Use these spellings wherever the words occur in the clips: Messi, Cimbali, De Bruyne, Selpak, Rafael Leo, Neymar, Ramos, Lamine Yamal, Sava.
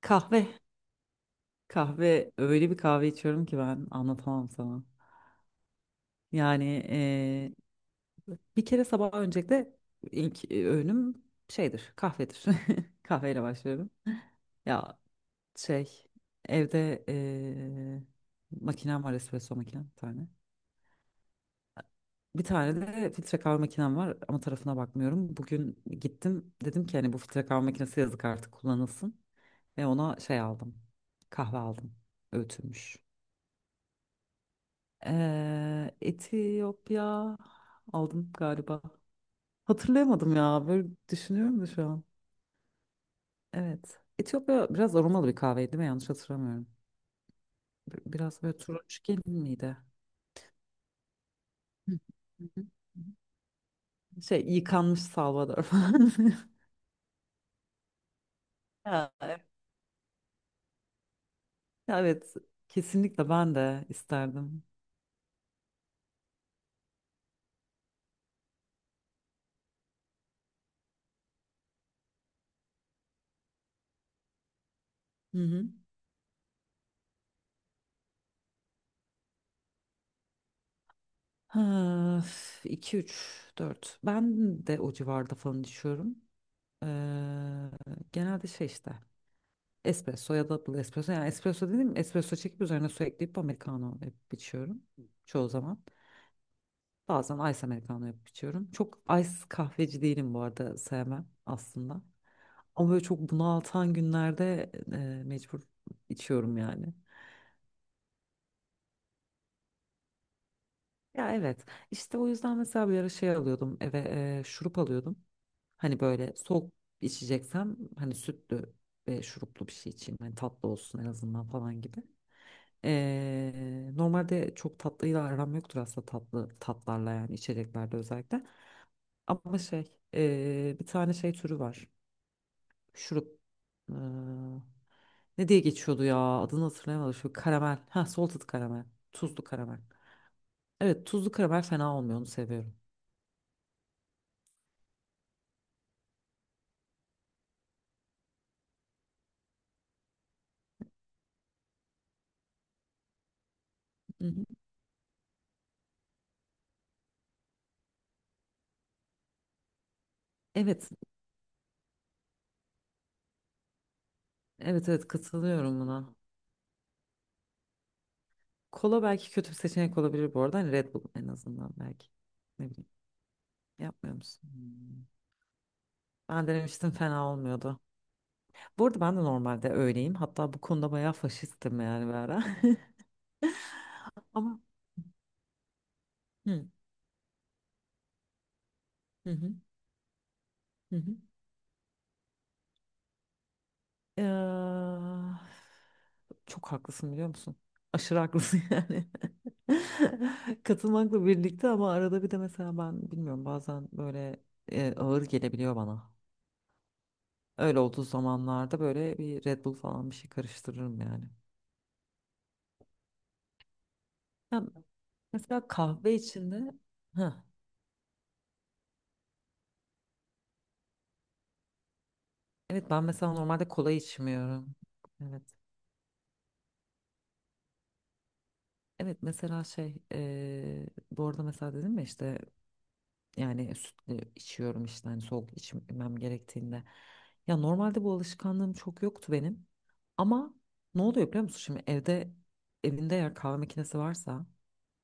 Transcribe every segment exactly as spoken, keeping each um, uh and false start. Kahve. Kahve. Öyle bir kahve içiyorum ki ben anlatamam sana. Yani eee, bir kere sabah öncelikle ilk e, öğünüm şeydir, kahvedir. Kahveyle başlıyorum. Ya şey evde eee makinem var espresso makinem bir tane. Bir tane de filtre kahve makinem var ama tarafına bakmıyorum. Bugün gittim dedim ki hani bu filtre kahve makinesi yazık artık kullanılsın. Ve ona şey aldım. Kahve aldım. Öğütülmüş. Ee, Etiyopya aldım galiba. Hatırlayamadım ya. Böyle düşünüyorum da şu an. Evet. Etiyopya biraz aromalı bir kahveydi değil mi? Yanlış hatırlamıyorum. Bir- Biraz böyle turunçgil miydi? Hı. Hı hı. Şey yıkanmış Salvador falan. Ya, evet. Ya, evet. Kesinlikle ben de isterdim. Hı hı. Ha, üf, iki, üç, ben de o civarda falan düşüyorum. Ee, genelde şey işte. Espresso ya da double espresso. Yani espresso dedim espresso çekip üzerine su ekleyip americano yapıp içiyorum. Çoğu zaman. Bazen ice americano yapıp içiyorum. Çok ice kahveci değilim bu arada sevmem aslında. Ama böyle çok bunaltan günlerde e, mecbur içiyorum yani. Ya, evet, işte o yüzden mesela bir ara şey alıyordum eve, e, şurup alıyordum. Hani böyle soğuk içeceksem hani sütlü ve şuruplu bir şey içeyim. Hani tatlı olsun en azından falan gibi. Ee, normalde çok tatlıyla aram yoktur aslında tatlı tatlarla yani içeceklerde özellikle. Ama şey ee, bir tane şey türü var. Şurup ee, ne diye geçiyordu ya adını hatırlayamadım. Şu karamel. Ha, salted karamel. Tuzlu karamel. Evet, tuzlu karamel fena olmuyor onu seviyorum. Hı hı. Evet, evet evet katılıyorum buna. Kola belki kötü bir seçenek olabilir bu arada. Hani Red Bull en azından belki. Ne bileyim yapmıyor musun? Hmm. Ben denemiştim fena olmuyordu. Bu arada ben de normalde öyleyim. Hatta bu konuda bayağı faşistim yani bir ara. Ama hı hı hı. hı hı. Eee, çok haklısın biliyor musun? Aşırı haklısın yani. Katılmakla birlikte ama arada bir de mesela ben bilmiyorum bazen böyle e, ağır gelebiliyor bana. Öyle olduğu zamanlarda böyle bir Red Bull falan bir şey karıştırırım yani. Ya, mesela kahve içinde ha evet ben mesela normalde kola içmiyorum. Evet. Evet mesela şey eee bu arada mesela dedim ya işte yani sütlü içiyorum işte hani soğuk içmem gerektiğinde. Ya normalde bu alışkanlığım çok yoktu benim. Ama ne oluyor biliyor musun? Şimdi evde evinde eğer kahve makinesi varsa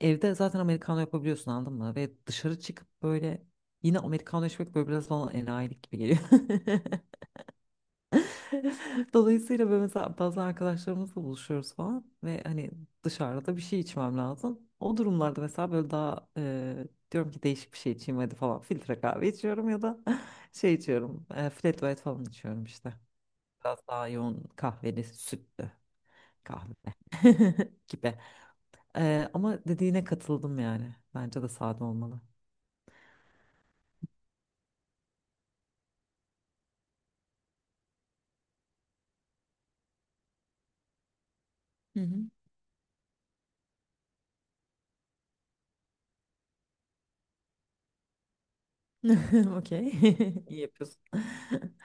evde zaten americano yapabiliyorsun anladın mı? Ve dışarı çıkıp böyle yine americano içmek böyle biraz bana enayilik gibi geliyor. Dolayısıyla böyle mesela bazen arkadaşlarımızla buluşuyoruz falan ve hani dışarıda bir şey içmem lazım. O durumlarda mesela böyle daha e, diyorum ki değişik bir şey içeyim hadi falan filtre kahve içiyorum ya da şey içiyorum e, flat white falan içiyorum işte. Biraz daha yoğun kahveli sütlü kahve gibi. E, ama dediğine katıldım yani. Bence de sade olmalı. Hı hı. Okey. İyi yapıyorsun.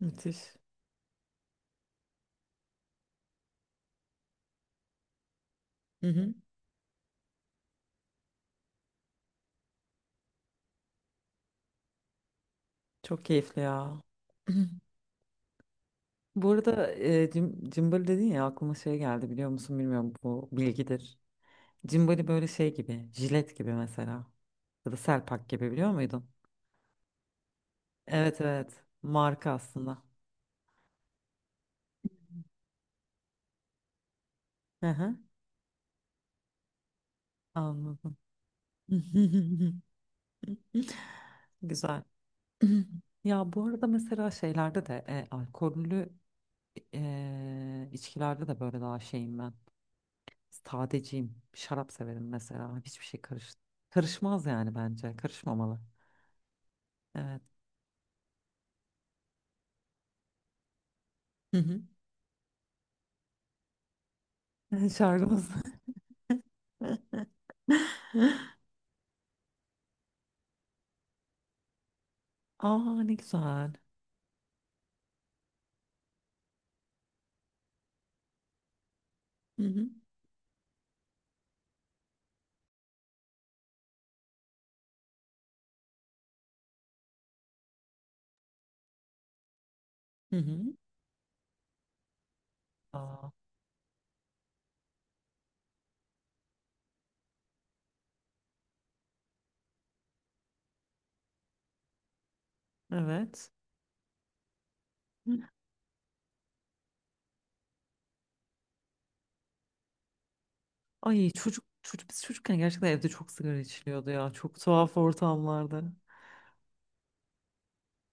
Müthiş. Hı hı. Çok keyifli ya. Bu arada e, cim, cimbali dedin ya aklıma şey geldi biliyor musun bilmiyorum bu bilgidir. Cimbali böyle şey gibi jilet gibi mesela ya da Selpak gibi biliyor muydun? Evet evet marka aslında. Hı hı, anladım. Güzel. Ya bu arada mesela şeylerde de e, alkollü e, içkilerde de böyle daha şeyim ben. Sadeciyim. Şarap severim mesela. Hiçbir şey karış karışmaz yani bence. Karışmamalı. Evet. Şarkımız. Aa, ne güzel. Hı hı. Hı hı. Aa, evet. Ay, çocuk, çocuk biz çocukken gerçekten evde çok sigara içiliyordu ya. Çok tuhaf ortamlarda.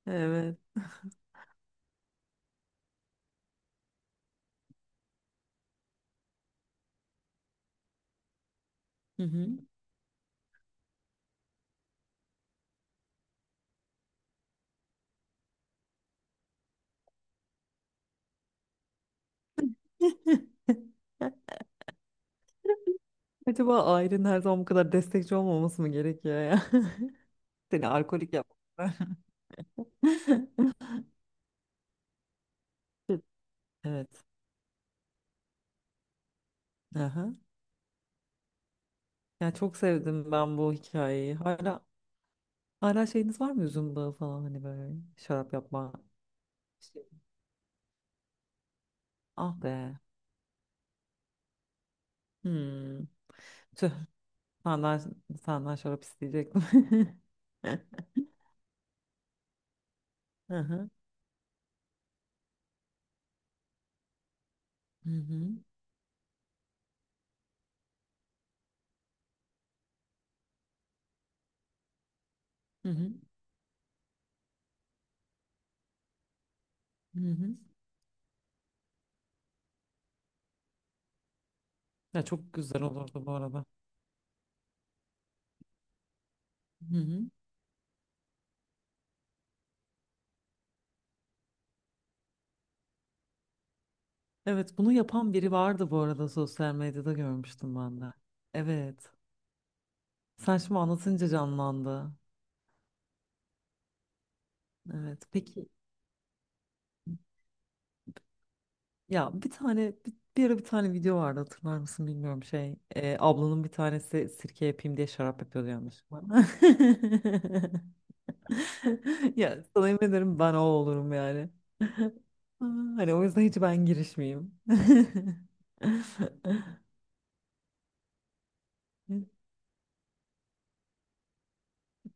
Evet. Hı hı. Acaba ailenin her zaman bu kadar destekçi olmaması mı gerekiyor ya? Seni alkolik yapmaları. Evet. Aha. Ya çok sevdim ben bu hikayeyi. Hala hala şeyiniz var mı üzüm bağı falan hani böyle şarap yapma. Şey. Ah be. Hmm. Tüh, senden, senden şarap isteyecektim. Hı hı. Hı hı. Hı hı. Hı hı. Ya çok güzel olurdu bu arada. Hı hı. Evet, bunu yapan biri vardı bu arada sosyal medyada görmüştüm ben de. Evet. Sen şimdi anlatınca canlandı. Evet. Peki ya bir tane bir, bir ara bir tane video vardı hatırlar mısın bilmiyorum şey. e, ablanın bir tanesi sirke yapayım diye şarap yapıyordu yanlışlıkla. Ya sana yemin ederim ben o olurum yani. Aa, hani o yüzden hiç ben girişmeyeyim.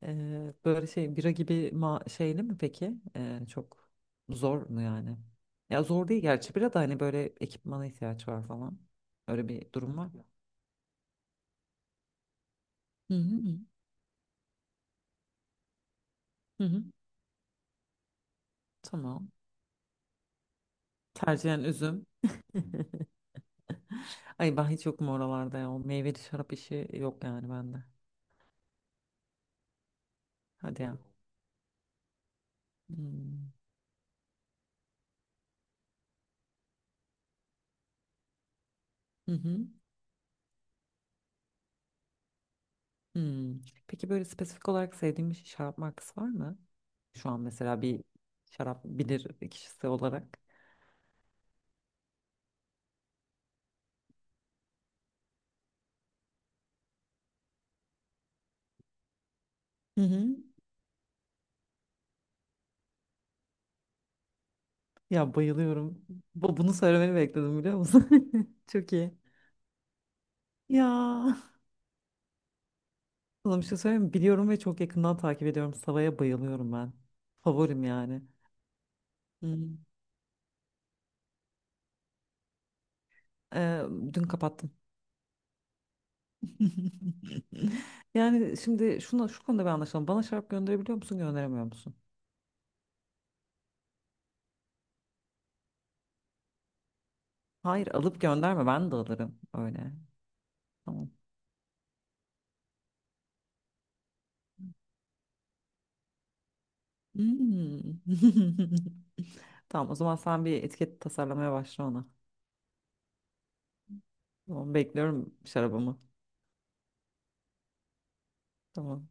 Ee, böyle şey bira gibi ma şeyli mi peki? Ee, çok zor mu yani? Ya zor değil gerçi bira da hani böyle ekipmana ihtiyaç var falan. Öyle bir durum var mı? Hı hı hı. Hı Tamam. Tercihen üzüm. Ay ben hiç yokum oralarda ya. O meyveli şarap işi yok yani bende. Hadi ya. Hmm. Hı hı. Hmm. Peki böyle spesifik olarak sevdiğin bir şarap markası var mı? Şu an mesela bir şarap bilir kişisi olarak. Hı hı. Ya bayılıyorum. Bu, bunu söylemeni bekledim biliyor musun? Çok iyi. Ya sana bir şey söyleyeyim mi? Biliyorum ve çok yakından takip ediyorum. Sava'ya bayılıyorum ben. Favorim yani. Hı. Ee, dün kapattım. Yani şimdi şuna, şu konuda bir anlaşalım. Bana şarap gönderebiliyor musun, gönderemiyor musun? Hayır, alıp gönderme. Ben de alırım öyle. Tamam. Hmm. Tamam, o zaman sen bir etiket tasarlamaya başla ona. Tamam, bekliyorum şarabımı. Tamam.